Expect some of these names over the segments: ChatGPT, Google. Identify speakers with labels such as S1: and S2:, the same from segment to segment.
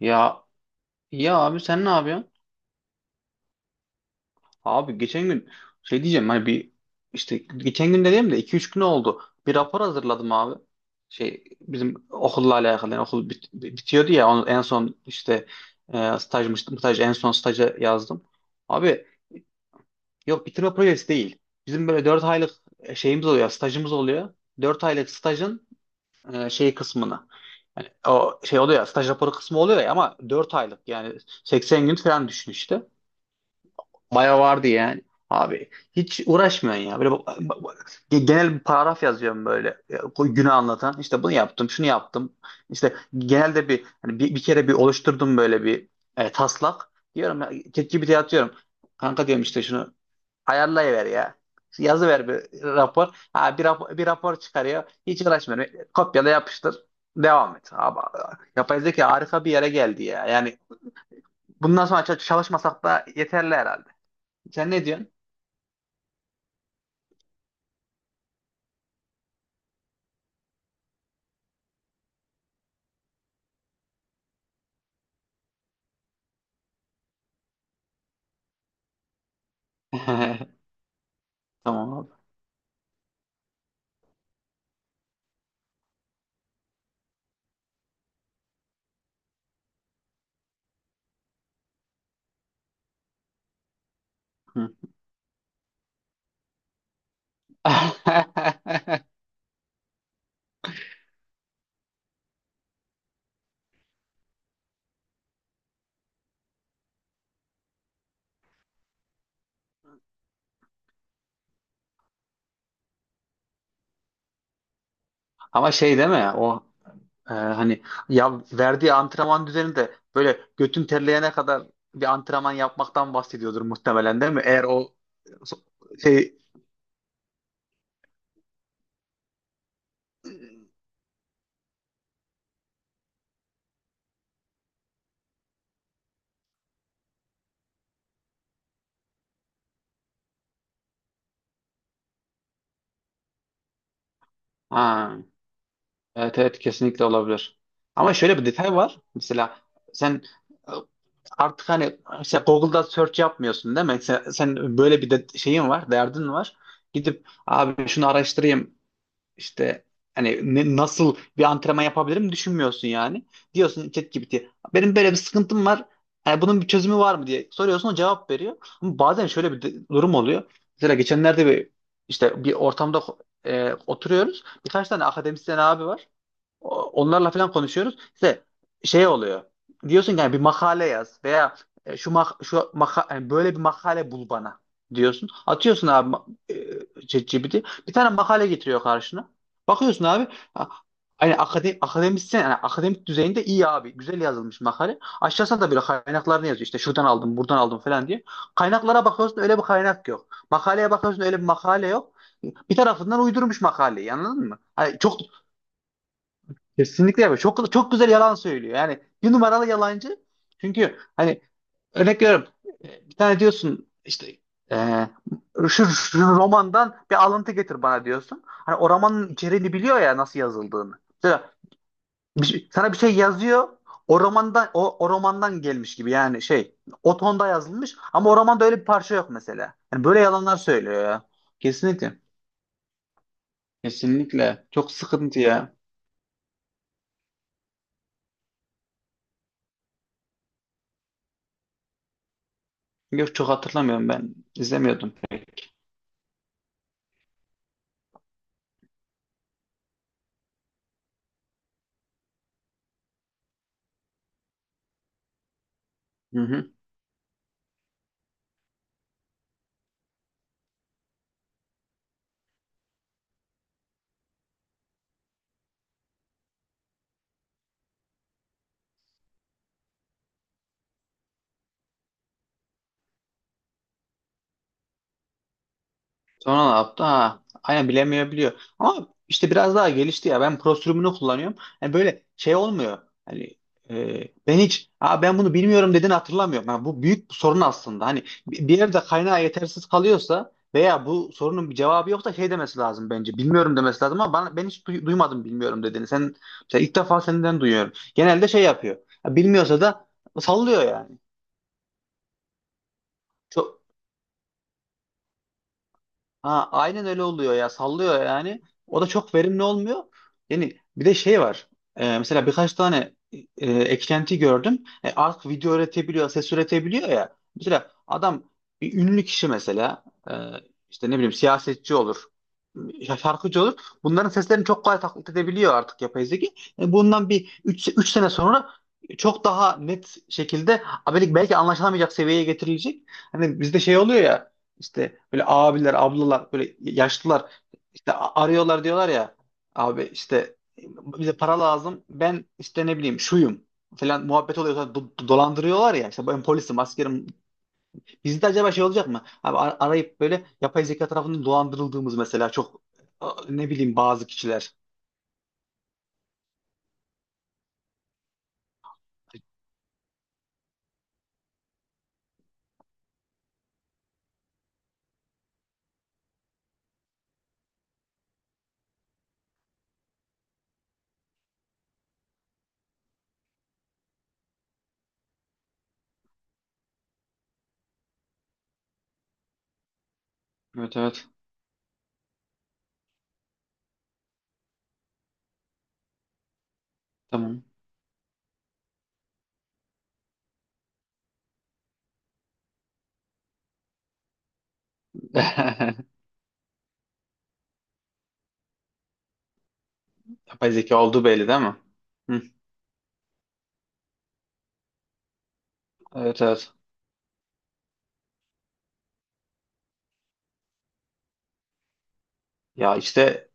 S1: Ya ya abi sen ne yapıyorsun? Abi geçen gün şey diyeceğim hani bir işte geçen gün dediğim de 2-3 gün oldu. Bir rapor hazırladım abi. Şey bizim okulla alakalı, yani okul bitiyordu ya, onu en son işte stajmış, staj, en son staja yazdım. Abi yok, bitirme projesi değil. Bizim böyle 4 aylık şeyimiz oluyor, stajımız oluyor. 4 aylık stajın şey kısmını. Yani o şey oluyor ya, staj raporu kısmı oluyor ya, ama 4 aylık yani 80 gün falan düşün işte. Baya vardı yani. Abi hiç uğraşmıyorsun ya. Böyle genel bir paragraf yazıyorum böyle. Ya, o günü anlatan. İşte bunu yaptım, şunu yaptım. İşte genelde bir, hani bir, bir kere oluşturdum böyle bir taslak. Diyorum ya, ChatGPT'ye atıyorum. Kanka diyorum, işte şunu ayarlayıver ya. Yazı ver, bir rapor. Ha, bir rapor çıkarıyor. Hiç uğraşmıyorum. E, kopyala yapıştır. Devam et. Abi, yapay zeka harika bir yere geldi ya. Yani bundan sonra çalışmasak da yeterli herhalde. Sen ne diyorsun? Tamam abi. Hı. Ama şey değil mi? O hani, ya verdiği antrenman düzeni de böyle götün terleyene kadar bir antrenman yapmaktan bahsediyordur muhtemelen, değil mi? Eğer o so- şey, ha, evet evet, kesinlikle olabilir. Ama şöyle bir detay var. Mesela sen e, artık hani işte Google'da search yapmıyorsun değil mi? Sen böyle bir de şeyin var, derdin var. Gidip abi şunu araştırayım İşte hani nasıl bir antrenman yapabilirim düşünmüyorsun yani. Diyorsun ChatGPT, benim böyle bir sıkıntım var. Hani bunun bir çözümü var mı diye soruyorsun, o cevap veriyor. Ama bazen şöyle bir durum oluyor. Mesela geçenlerde bir işte bir ortamda oturuyoruz. Birkaç tane akademisyen abi var. Onlarla falan konuşuyoruz. İşte şey oluyor. Diyorsun ki yani bir makale yaz, veya şu maka, yani böyle bir makale bul bana diyorsun. Atıyorsun abi ChatGPT. Bir tane makale getiriyor karşına. Bakıyorsun abi, ha, hani akademik, akademisyen yani akademik düzeyinde iyi abi. Güzel yazılmış makale. Aşağısına da böyle kaynaklarını yazıyor. İşte şuradan aldım, buradan aldım falan diye. Kaynaklara bakıyorsun, öyle bir kaynak yok. Makaleye bakıyorsun, öyle bir makale yok. Bir tarafından uydurmuş makaleyi, anladın mı? Hani çok... Kesinlikle yapıyor. Çok çok güzel yalan söylüyor. Yani bir numaralı yalancı. Çünkü hani, örnek veriyorum, bir tane diyorsun işte, e, şu romandan bir alıntı getir bana diyorsun. Hani o romanın içeriğini biliyor ya, nasıl yazıldığını. Mesela sana bir şey yazıyor. O romandan, o romandan gelmiş gibi, yani şey, o tonda yazılmış, ama o romanda öyle bir parça yok mesela. Yani böyle yalanlar söylüyor ya. Kesinlikle. Kesinlikle. Çok sıkıntı ya. Yok, çok hatırlamıyorum ben. İzlemiyordum pek. Hı hı. Sonra ne yaptı? Ha, aynen, bilemiyor biliyor. Ama işte biraz daha gelişti ya. Ben Pro sürümünü kullanıyorum. Yani böyle şey olmuyor. Hani e, ben hiç, aa, ben bunu bilmiyorum dediğini hatırlamıyorum. Yani bu büyük bir sorun aslında. Hani bir bir yerde kaynağı yetersiz kalıyorsa veya bu sorunun bir cevabı yoksa şey demesi lazım bence. Bilmiyorum demesi lazım, ama bana, ben hiç duymadım bilmiyorum dediğini. Sen mesela, ilk defa senden duyuyorum. Genelde şey yapıyor. Ya, bilmiyorsa da sallıyor yani. Çok... Ha, aynen öyle oluyor ya, sallıyor yani. O da çok verimli olmuyor. Yani bir de şey var. Mesela birkaç tane eklenti gördüm. E, artık video üretebiliyor, ses üretebiliyor ya. Mesela adam, bir ünlü kişi mesela, e, işte ne bileyim, siyasetçi olur, ya şarkıcı olur. Bunların seslerini çok kolay taklit edebiliyor artık yapay zeka. E, bundan bir üç sene sonra çok daha net şekilde, belki anlaşılamayacak seviyeye getirilecek. Hani bizde şey oluyor ya, işte böyle abiler, ablalar, böyle yaşlılar işte arıyorlar, diyorlar ya abi işte bize para lazım. Ben işte ne bileyim, şuyum falan, muhabbet oluyor. Dolandırıyorlar ya işte, ben polisim, askerim. Bizde acaba şey olacak mı? Abi arayıp böyle yapay zeka tarafından dolandırıldığımız mesela, çok ne bileyim, bazı kişiler. Evet evet. Tamam. Yapay zeka olduğu belli değil mi? Hı, evet evet. Ya işte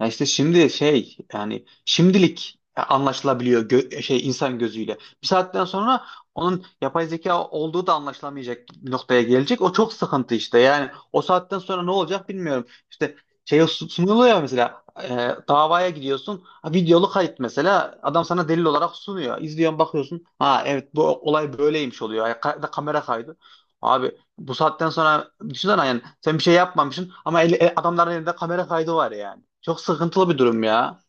S1: Ya işte şimdi şey, yani şimdilik anlaşılabiliyor, şey, insan gözüyle. Bir saatten sonra onun yapay zeka olduğu da anlaşılamayacak bir noktaya gelecek. O çok sıkıntı işte. Yani o saatten sonra ne olacak bilmiyorum. İşte şey sunuluyor ya, mesela, davaya gidiyorsun. Ha, videolu kayıt mesela, adam sana delil olarak sunuyor. İzliyorsun, bakıyorsun. Ha evet, bu olay böyleymiş oluyor. Ya, da kamera kaydı. Abi bu saatten sonra düşünsene, yani sen bir şey yapmamışsın ama adamların elinde kamera kaydı var yani. Çok sıkıntılı bir durum ya.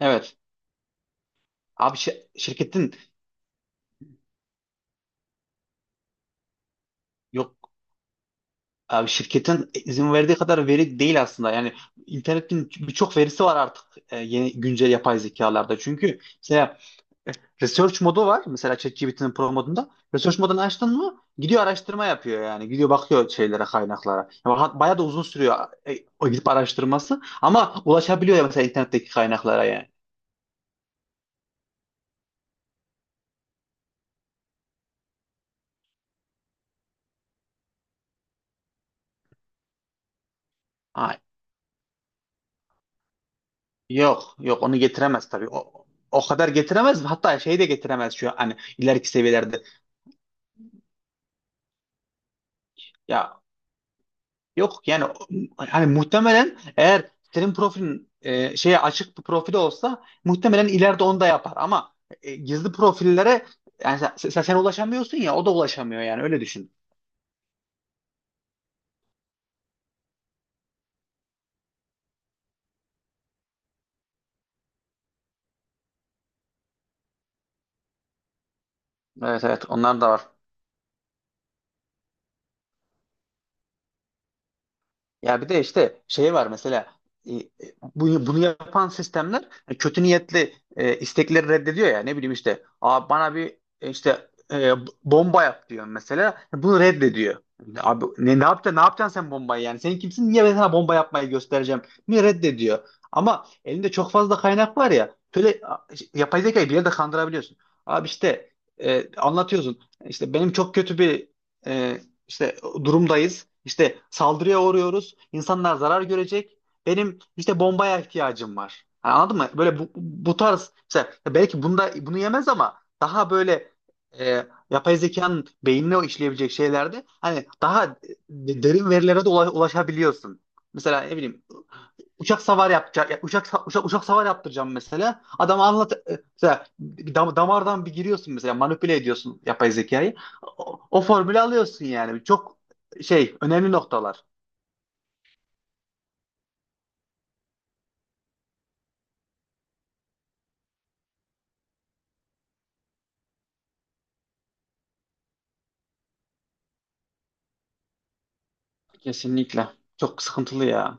S1: Evet. Abi şirketin, yok abi, şirketin izin verdiği kadar veri değil aslında. Yani internetin birçok verisi var artık yeni güncel yapay zekalarda. Çünkü mesela research modu var. Mesela ChatGPT'nin pro modunda. Research modunu açtın mı, gidiyor araştırma yapıyor yani. Gidiyor bakıyor şeylere, kaynaklara. Yani bayağı da uzun sürüyor o gidip araştırması. Ama ulaşabiliyor ya mesela internetteki kaynaklara yani. Yok yok, onu getiremez tabii. O, o kadar getiremez. Hatta şey de getiremez şu an, hani ileriki seviyelerde. Ya yok yani o, hani muhtemelen eğer senin profilin şeye açık bir profil olsa, muhtemelen ileride onu da yapar, ama gizli profillere, yani sen ulaşamıyorsun ya, o da ulaşamıyor yani, öyle düşün. Evet evet, onlar da var. Ya bir de işte şey var mesela, e, e, bunu yapan sistemler, kötü niyetli istekleri reddediyor ya. Ne bileyim işte, aa, bana bir, bomba yap diyor mesela. E, bunu reddediyor. Abi ne yapacaksın, ne yapacaksın sen bombayı, yani sen kimsin, niye ben sana bomba yapmayı göstereceğim mi, reddediyor. Ama elinde çok fazla kaynak var ya. Şöyle işte, yapay zekayı bir yerde kandırabiliyorsun. Abi işte, anlatıyorsun işte, benim çok kötü bir e, işte durumdayız. İşte saldırıya uğruyoruz. İnsanlar zarar görecek. Benim işte bombaya ihtiyacım var. Yani anladın mı? Böyle bu tarz mesela, belki bunda bunu yemez, ama daha böyle yapay zekanın beynine işleyebilecek şeylerde hani daha derin verilere de ulaşabiliyorsun. Mesela ne bileyim, uçak savar yapacak. Uçak savar yaptıracağım mesela. Adam anlat, mesela bir damardan bir giriyorsun mesela, manipüle ediyorsun yapay zekayı. O formülü alıyorsun yani. Çok şey, önemli noktalar. Kesinlikle. Çok sıkıntılı ya.